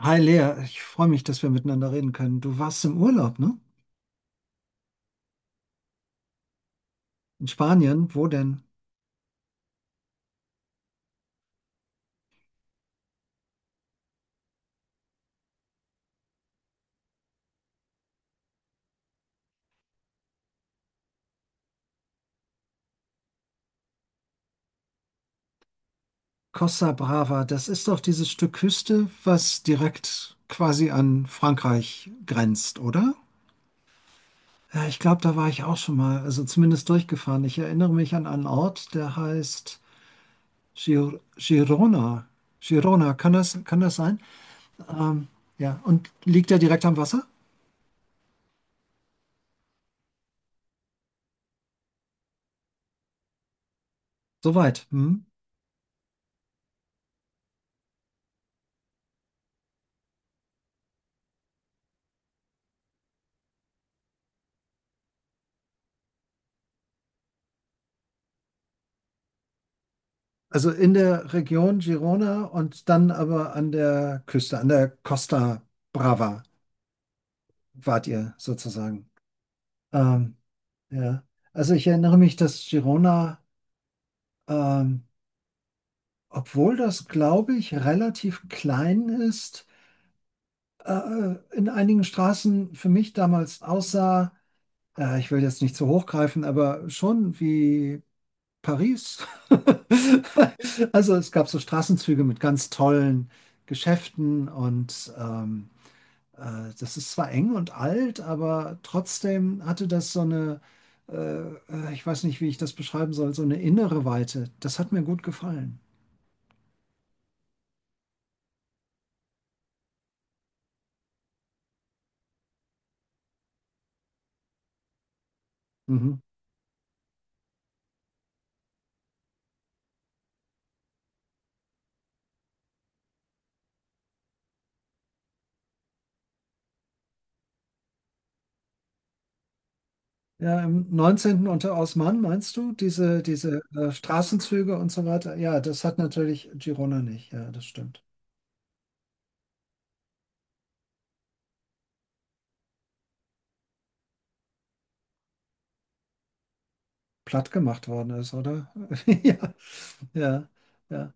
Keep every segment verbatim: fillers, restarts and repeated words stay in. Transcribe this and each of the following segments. Hi Lea, ich freue mich, dass wir miteinander reden können. Du warst im Urlaub, ne? In Spanien, wo denn? Costa Brava, das ist doch dieses Stück Küste, was direkt quasi an Frankreich grenzt, oder? Ja, ich glaube, da war ich auch schon mal, also zumindest durchgefahren. Ich erinnere mich an einen Ort, der heißt Gir Girona. Girona, kann das, kann das sein? Ähm, ja, und liegt der direkt am Wasser? Soweit. Hm? Also in der Region Girona und dann aber an der Küste, an der Costa Brava wart ihr sozusagen. Ähm, ja. Also ich erinnere mich, dass Girona, ähm, obwohl das, glaube ich, relativ klein ist, äh, in einigen Straßen für mich damals aussah, äh, ich will jetzt nicht zu hoch greifen, aber schon wie Paris. Also es gab so Straßenzüge mit ganz tollen Geschäften und ähm, äh, das ist zwar eng und alt, aber trotzdem hatte das so eine, äh, äh, ich weiß nicht, wie ich das beschreiben soll, so eine innere Weite. Das hat mir gut gefallen. Mhm. Ja, im neunzehnten unter Osman, meinst du, diese, diese äh, Straßenzüge und so weiter? Ja, das hat natürlich Girona nicht. Ja, das stimmt. Platt gemacht worden ist, oder? Ja, ja, ja.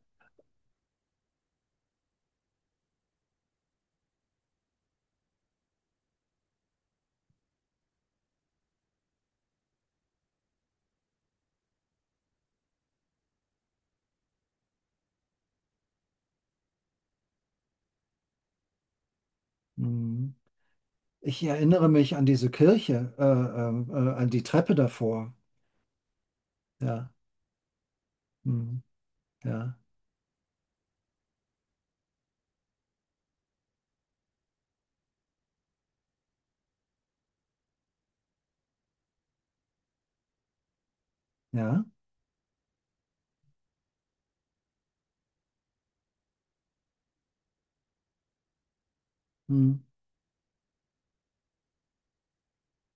Mhm. Ich erinnere mich an diese Kirche, äh, ähm, äh, an die Treppe davor. Ja, mhm. Ja, ja, mhm.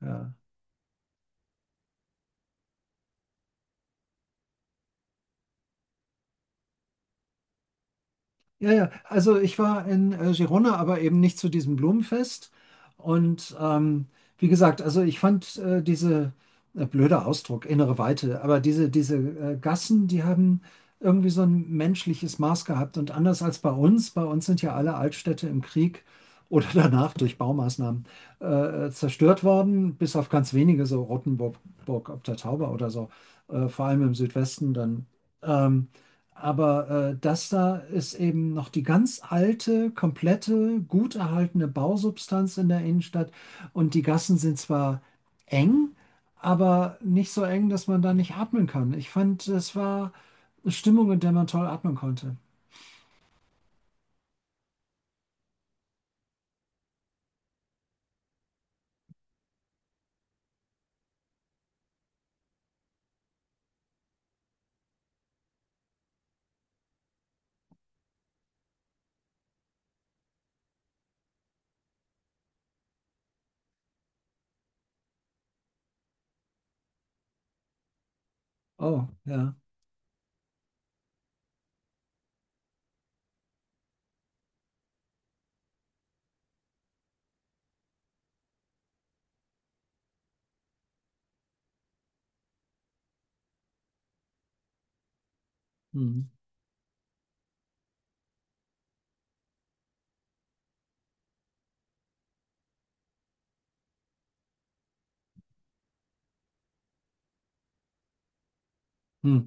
Ja. Ja, ja, also ich war in äh, Girona, aber eben nicht zu diesem Blumenfest. Und ähm, wie gesagt, also ich fand äh, diese, äh, blöder Ausdruck, innere Weite, aber diese, diese äh, Gassen, die haben irgendwie so ein menschliches Maß gehabt. Und anders als bei uns, bei uns sind ja alle Altstädte im Krieg oder danach durch Baumaßnahmen äh, zerstört worden, bis auf ganz wenige, so Rottenburg Burg ob der Tauber oder so, äh, vor allem im Südwesten dann. Ähm, aber äh, das da ist eben noch die ganz alte, komplette, gut erhaltene Bausubstanz in der Innenstadt. Und die Gassen sind zwar eng, aber nicht so eng, dass man da nicht atmen kann. Ich fand, es war eine Stimmung, in der man toll atmen konnte. Oh, ja. Hm. Hm.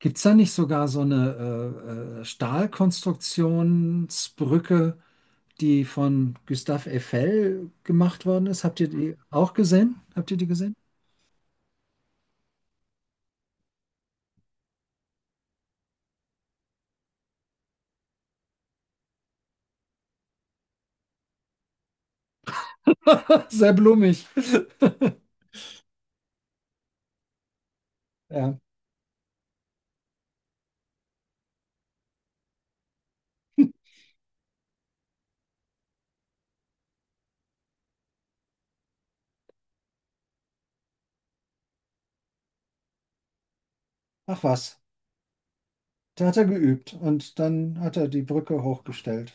Gibt es da nicht sogar so eine äh, äh, Stahlkonstruktionsbrücke, die von Gustave Eiffel gemacht worden ist? Habt ihr die auch gesehen? Habt ihr die gesehen? Sehr blumig. Ja, ach was. Da hat er geübt und dann hat er die Brücke hochgestellt.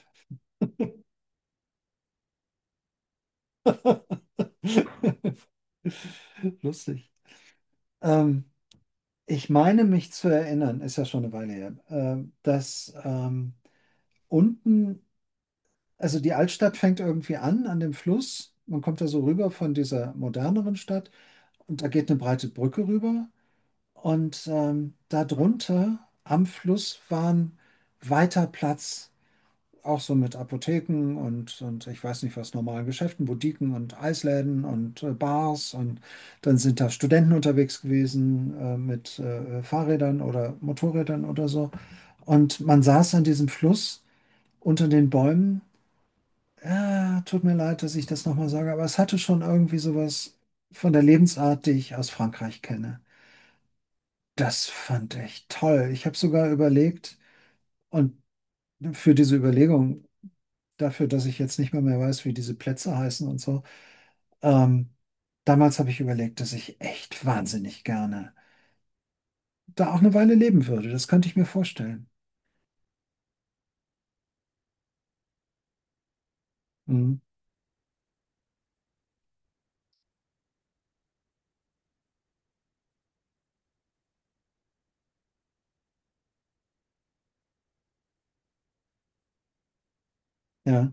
Lustig. Ähm, ich meine mich zu erinnern, ist ja schon eine Weile her, ähm, dass ähm, unten, also die Altstadt fängt irgendwie an, an dem Fluss. Man kommt da so rüber von dieser moderneren Stadt und da geht eine breite Brücke rüber. Und ähm, darunter am Fluss war ein weiter Platz. Auch so mit Apotheken und, und ich weiß nicht was, normalen Geschäften, Boutiquen und Eisläden und äh, Bars. Und dann sind da Studenten unterwegs gewesen äh, mit äh, Fahrrädern oder Motorrädern oder so. Und man saß an diesem Fluss unter den Bäumen. Ja, tut mir leid, dass ich das nochmal sage, aber es hatte schon irgendwie sowas von der Lebensart, die ich aus Frankreich kenne. Das fand ich toll. Ich habe sogar überlegt, und für diese Überlegung dafür, dass ich jetzt nicht mehr mehr weiß, wie diese Plätze heißen und so. Ähm, damals habe ich überlegt, dass ich echt wahnsinnig gerne da auch eine Weile leben würde. Das könnte ich mir vorstellen. Mhm. Ja,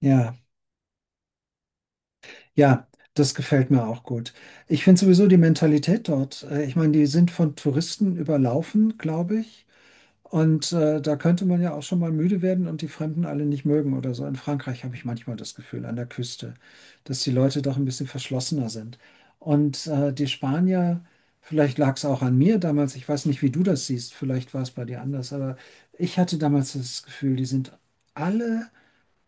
ja, ja, das gefällt mir auch gut. Ich finde sowieso die Mentalität dort, äh, ich meine, die sind von Touristen überlaufen, glaube ich. Und äh, da könnte man ja auch schon mal müde werden und die Fremden alle nicht mögen oder so. In Frankreich habe ich manchmal das Gefühl, an der Küste, dass die Leute doch ein bisschen verschlossener sind. Und äh, die Spanier, vielleicht lag es auch an mir damals, ich weiß nicht, wie du das siehst, vielleicht war es bei dir anders, aber ich hatte damals das Gefühl, die sind alle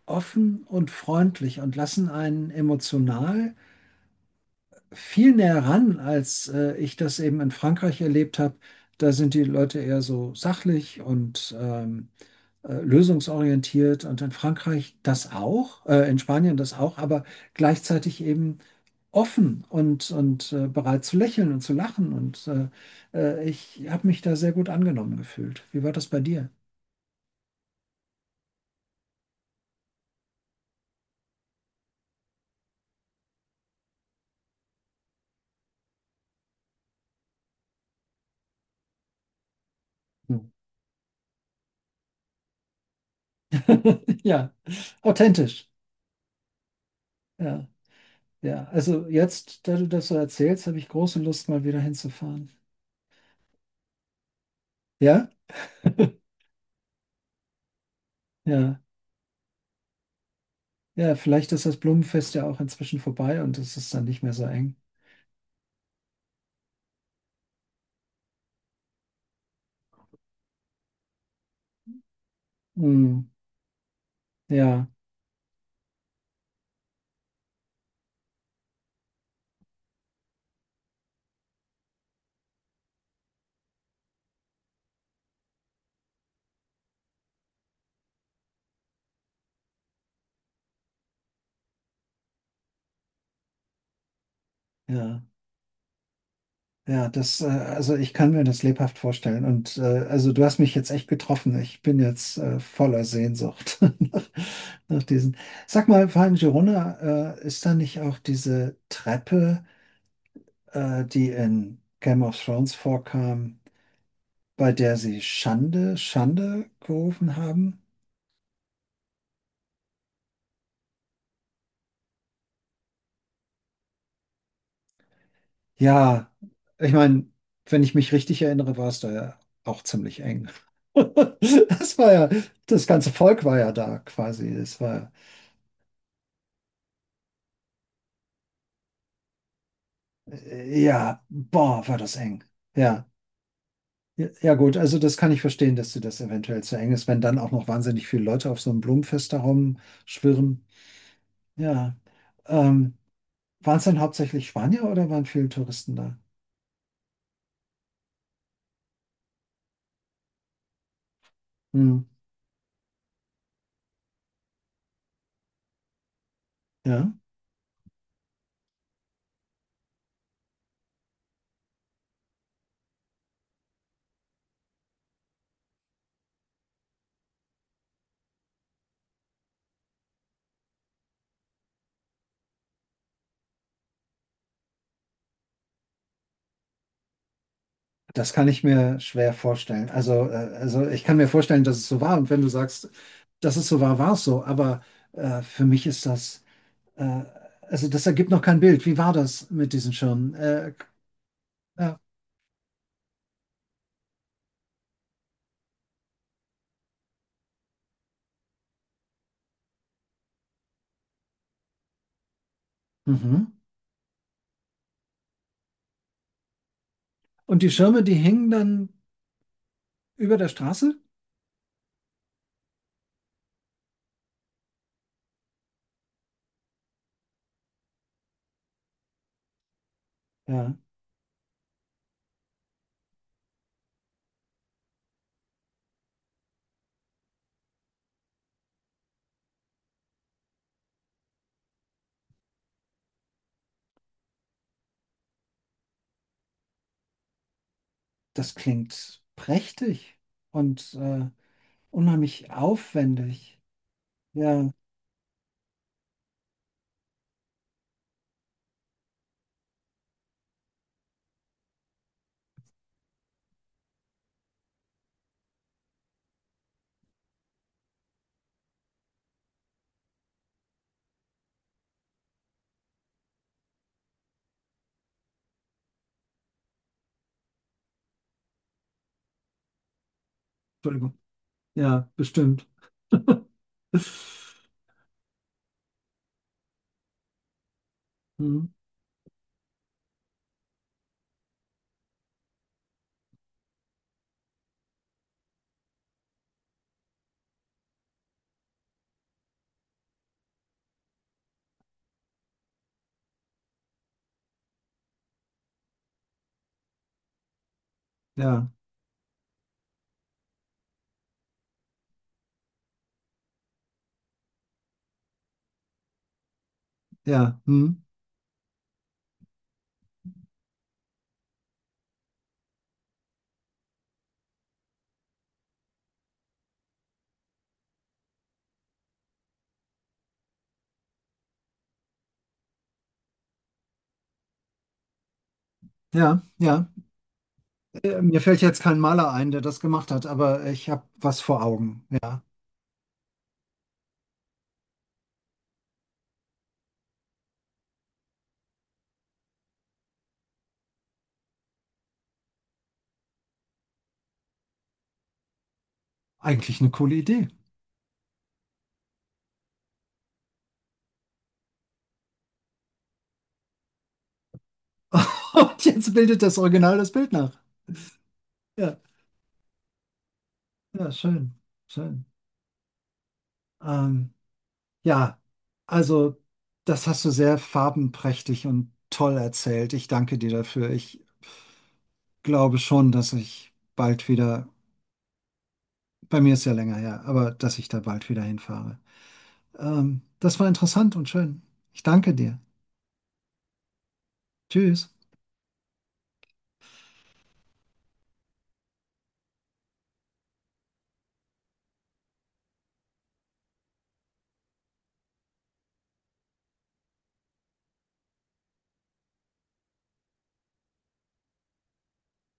offen und freundlich und lassen einen emotional viel näher ran, als äh, ich das eben in Frankreich erlebt habe. Da sind die Leute eher so sachlich und ähm, äh, lösungsorientiert und in Frankreich das auch, äh, in Spanien das auch, aber gleichzeitig eben offen und, und äh, bereit zu lächeln und zu lachen. Und äh, äh, ich habe mich da sehr gut angenommen gefühlt. Wie war das bei dir? Hm. Ja, authentisch. Ja, ja. Also jetzt, da du das so erzählst, habe ich große Lust, mal wieder hinzufahren. Ja? Ja. Ja, vielleicht ist das Blumenfest ja auch inzwischen vorbei und es ist dann nicht mehr so eng. Hm. Ja, ja. Ja, das, äh, also ich kann mir das lebhaft vorstellen. Und äh, also du hast mich jetzt echt getroffen. Ich bin jetzt äh, voller Sehnsucht nach, nach diesen. Sag mal, Van Girona, äh, ist da nicht auch diese Treppe, äh, die in Game of Thrones vorkam, bei der sie Schande, Schande gerufen haben? Ja, ich meine, wenn ich mich richtig erinnere, war es da ja auch ziemlich eng. Das war ja, das ganze Volk war ja da quasi. Das war. Ja, boah, war das eng. Ja. Ja, ja gut, also das kann ich verstehen, dass dir das eventuell zu eng ist, wenn dann auch noch wahnsinnig viele Leute auf so einem Blumenfest da rumschwirren. Ja. Ähm, waren es dann hauptsächlich Spanier oder waren viele Touristen da? Hm, ja, das kann ich mir schwer vorstellen. Also, äh, also ich kann mir vorstellen, dass es so war. Und wenn du sagst, dass es so war, war es so. Aber äh, für mich ist das, äh, also das ergibt noch kein Bild. Wie war das mit diesen Schirmen? Äh, ja. Mhm. Und die Schirme, die hingen dann über der Straße? Ja, das klingt prächtig und äh, unheimlich aufwendig. Ja, Entschuldigung. Ja, bestimmt. Hm, ja, ja, hm, ja, ja. Äh, mir fällt jetzt kein Maler ein, der das gemacht hat, aber ich habe was vor Augen. Ja, eigentlich eine coole Idee. Und jetzt bildet das Original das Bild nach. Ja, ja, schön, schön. Ähm, Ja, also das hast du sehr farbenprächtig und toll erzählt. Ich danke dir dafür. Ich glaube schon, dass ich bald wieder, bei mir ist ja länger her, aber dass ich da bald wieder hinfahre. Ähm, das war interessant und schön. Ich danke dir. Tschüss.